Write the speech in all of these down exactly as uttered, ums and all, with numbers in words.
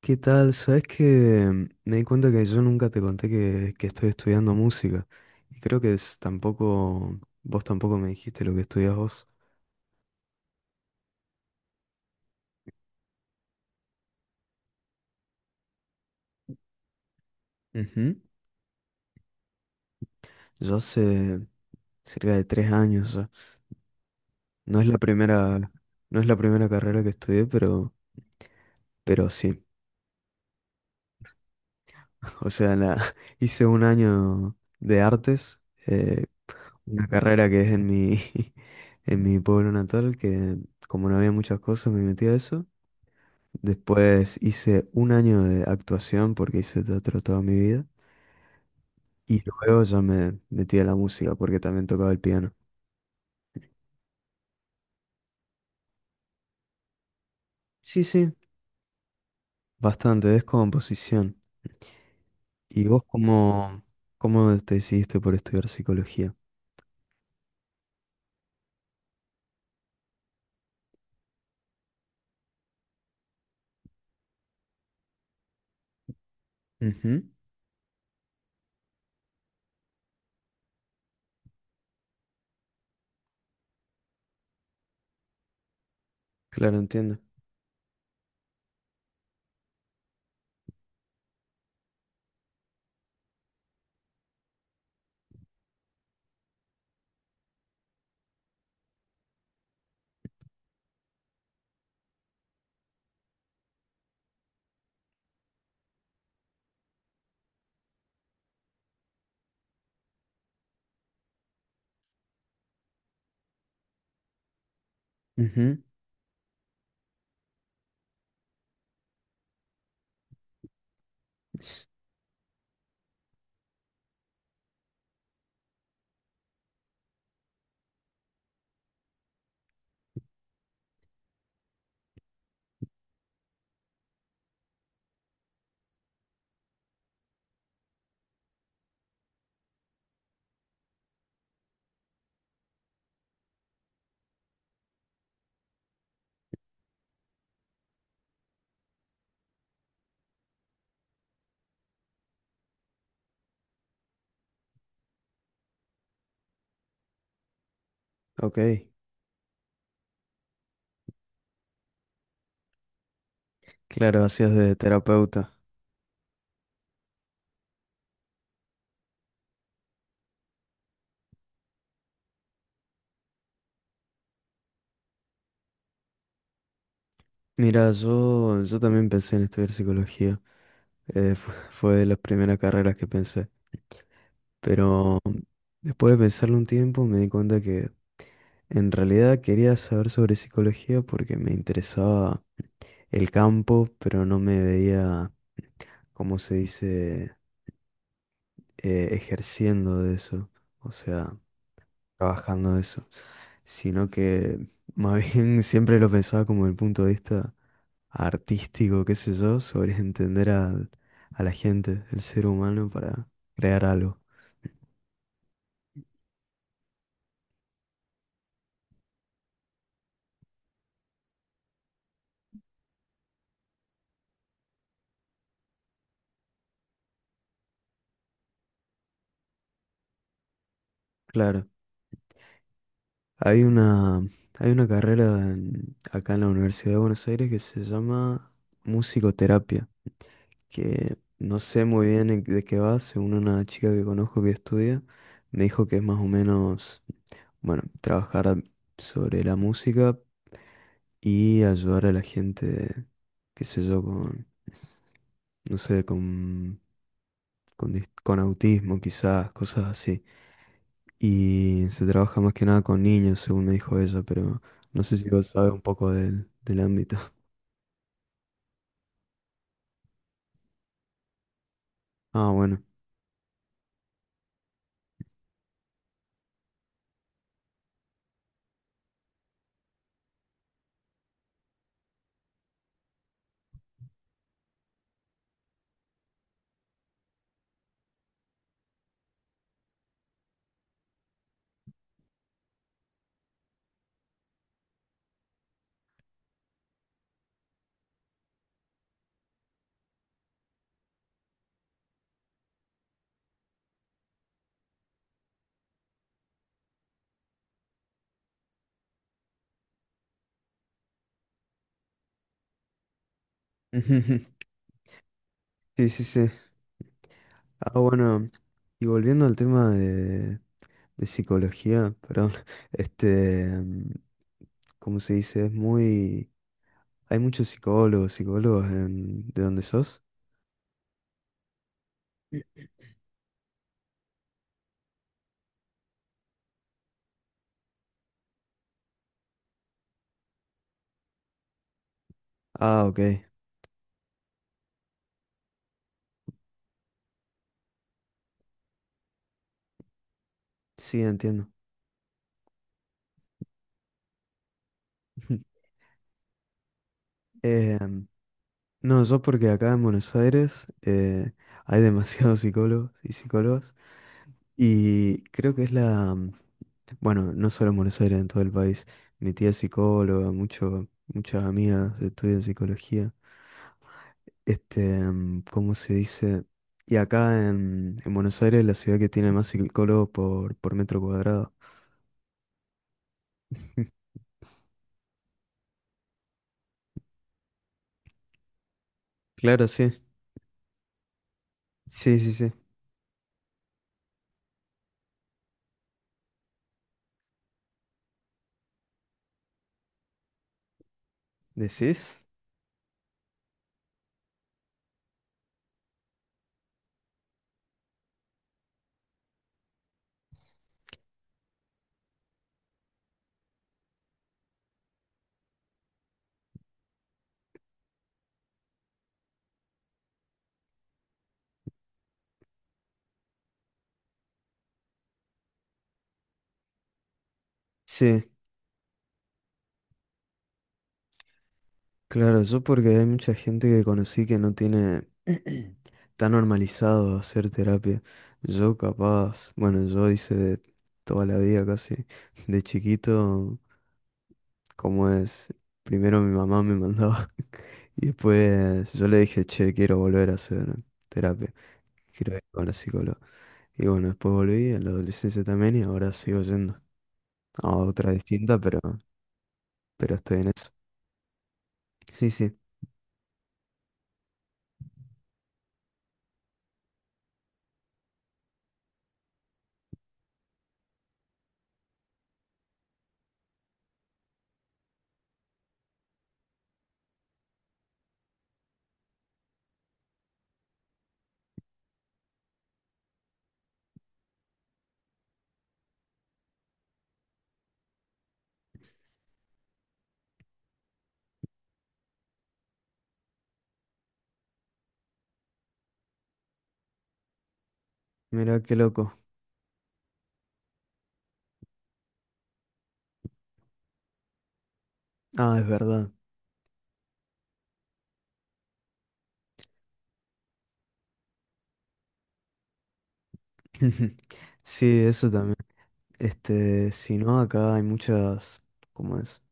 ¿Qué tal? Sabes que me di cuenta que yo nunca te conté que, que estoy estudiando música y creo que es- tampoco, vos tampoco me dijiste lo que estudias vos. Ujú. Yo hace cerca de tres años ya. No es la primera, no es la primera carrera que estudié, pero, pero sí. O sea, la, hice un año de artes, eh, una carrera que es en mi, en mi pueblo natal, que como no había muchas cosas me metí a eso. Después hice un año de actuación porque hice teatro toda mi vida. Y luego ya me metí a la música porque también tocaba el piano. Sí, sí, bastante, es composición. ¿Y vos cómo, cómo te decidiste por estudiar psicología? Ujú. Claro, entiendo. Ujú. Ok, claro, hacías de terapeuta. Mira, yo, yo también pensé en estudiar psicología. Eh, fu- fue de las primeras carreras que pensé. Pero después de pensarlo un tiempo, me di cuenta que en realidad quería saber sobre psicología porque me interesaba el campo, pero no me veía, como se dice, eh, ejerciendo de eso, o sea, trabajando de eso, sino que más bien siempre lo pensaba como el punto de vista artístico, qué sé yo, sobre entender al- a la gente, el ser humano para crear algo. Claro, hay una, hay una carrera en- acá en la Universidad de Buenos Aires que se llama musicoterapia. Que no sé muy bien en- de qué va. Según una chica que conozco que estudia, me dijo que es más o menos, bueno, trabajar sobre la música y ayudar a la gente, qué sé yo, con, no sé, con, con, dis- con autismo quizás, cosas así. Y se trabaja más que nada con niños, según me dijo ella, pero no sé si vos sabes un poco del, del ámbito. Ah, bueno. Sí, sí, sí. Ah, bueno. Y volviendo al tema de, de psicología, perdón, este, mm, ¿cómo se dice? Es muy... Hay muchos psicólogos, psicólogos en... ¿De dónde sos? Ah, ok. Sí, entiendo. Eh, no, yo porque acá en Buenos Aires eh, hay demasiados psicólogos y psicólogas y creo que es la, mm, bueno, no solo en Buenos Aires, en todo el país. Mi tía es psicóloga, mucho, muchas amigas estudian psicología. Este, em, ¿cómo se dice? Y acá en, en Buenos Aires, es la ciudad que tiene más psicólogos por, por metro cuadrado. Claro, sí. Sí, sí, sí. ¿Decís? Sí, claro, yo porque hay mucha gente que conocí que no tiene tan normalizado hacer terapia. Yo capaz, bueno, yo hice de toda la vida casi, de chiquito. ¿Cómo es? Primero mi mamá me mandaba y después yo le dije, che, quiero volver a hacer terapia, quiero ir con la psicóloga. Y bueno, después volví a la adolescencia también y ahora sigo yendo a otra distinta, pero, pero estoy en eso. Sí, sí, mira qué loco. Ah, es verdad. Sí, eso también. Este, si no, acá hay muchas, ¿cómo es?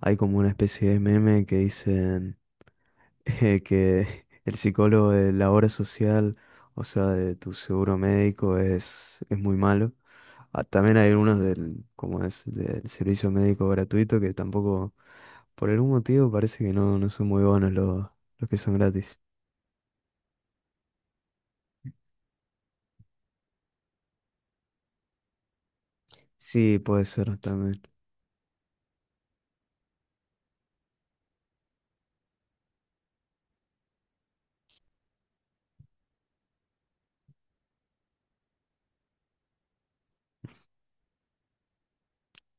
Hay como una especie de meme que dice eh, que el psicólogo de la obra social, o sea, de tu seguro médico, es, es muy malo. Ah, también hay algunos del, como es, del servicio médico gratuito que tampoco, por algún motivo, parece que no, no son muy buenos los, los que son gratis. Sí, puede ser también.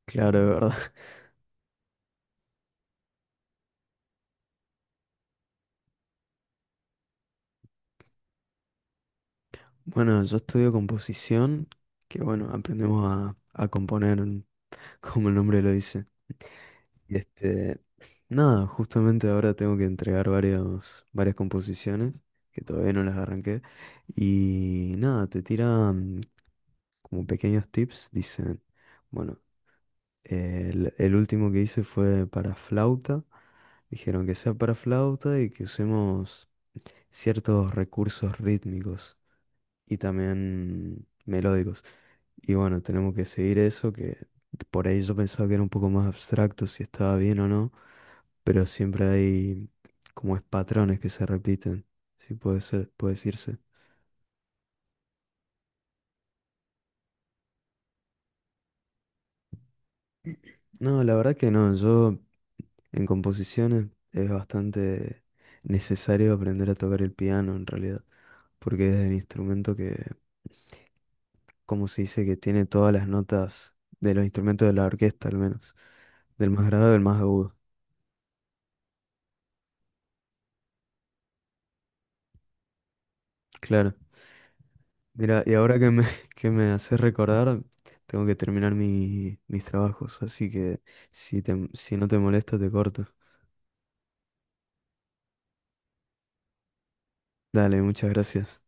Claro, de verdad. Bueno, yo estudio composición, que bueno, aprendemos a, a componer, como el nombre lo dice. Y este, nada, justamente ahora tengo que entregar varios, varias composiciones que todavía no las arranqué. Y nada, te tiran como pequeños tips, dicen, bueno, el, el último que hice fue para flauta. Dijeron que sea para flauta y que usemos ciertos recursos rítmicos y también melódicos. Y bueno, tenemos que seguir eso, que por ahí yo pensaba que era un poco más abstracto si estaba bien o no, pero siempre hay como es patrones que se repiten, si puede ser, puede decirse. No, la verdad que no, yo en composiciones es bastante necesario aprender a tocar el piano en realidad, porque es el instrumento que, como se dice, que tiene todas las notas de los instrumentos de la orquesta al menos, del más grave al más agudo, claro. Mira, y ahora que me, que me haces recordar, tengo que terminar mi- mis trabajos, así que si te- si no te molesta, te corto. Dale, muchas gracias.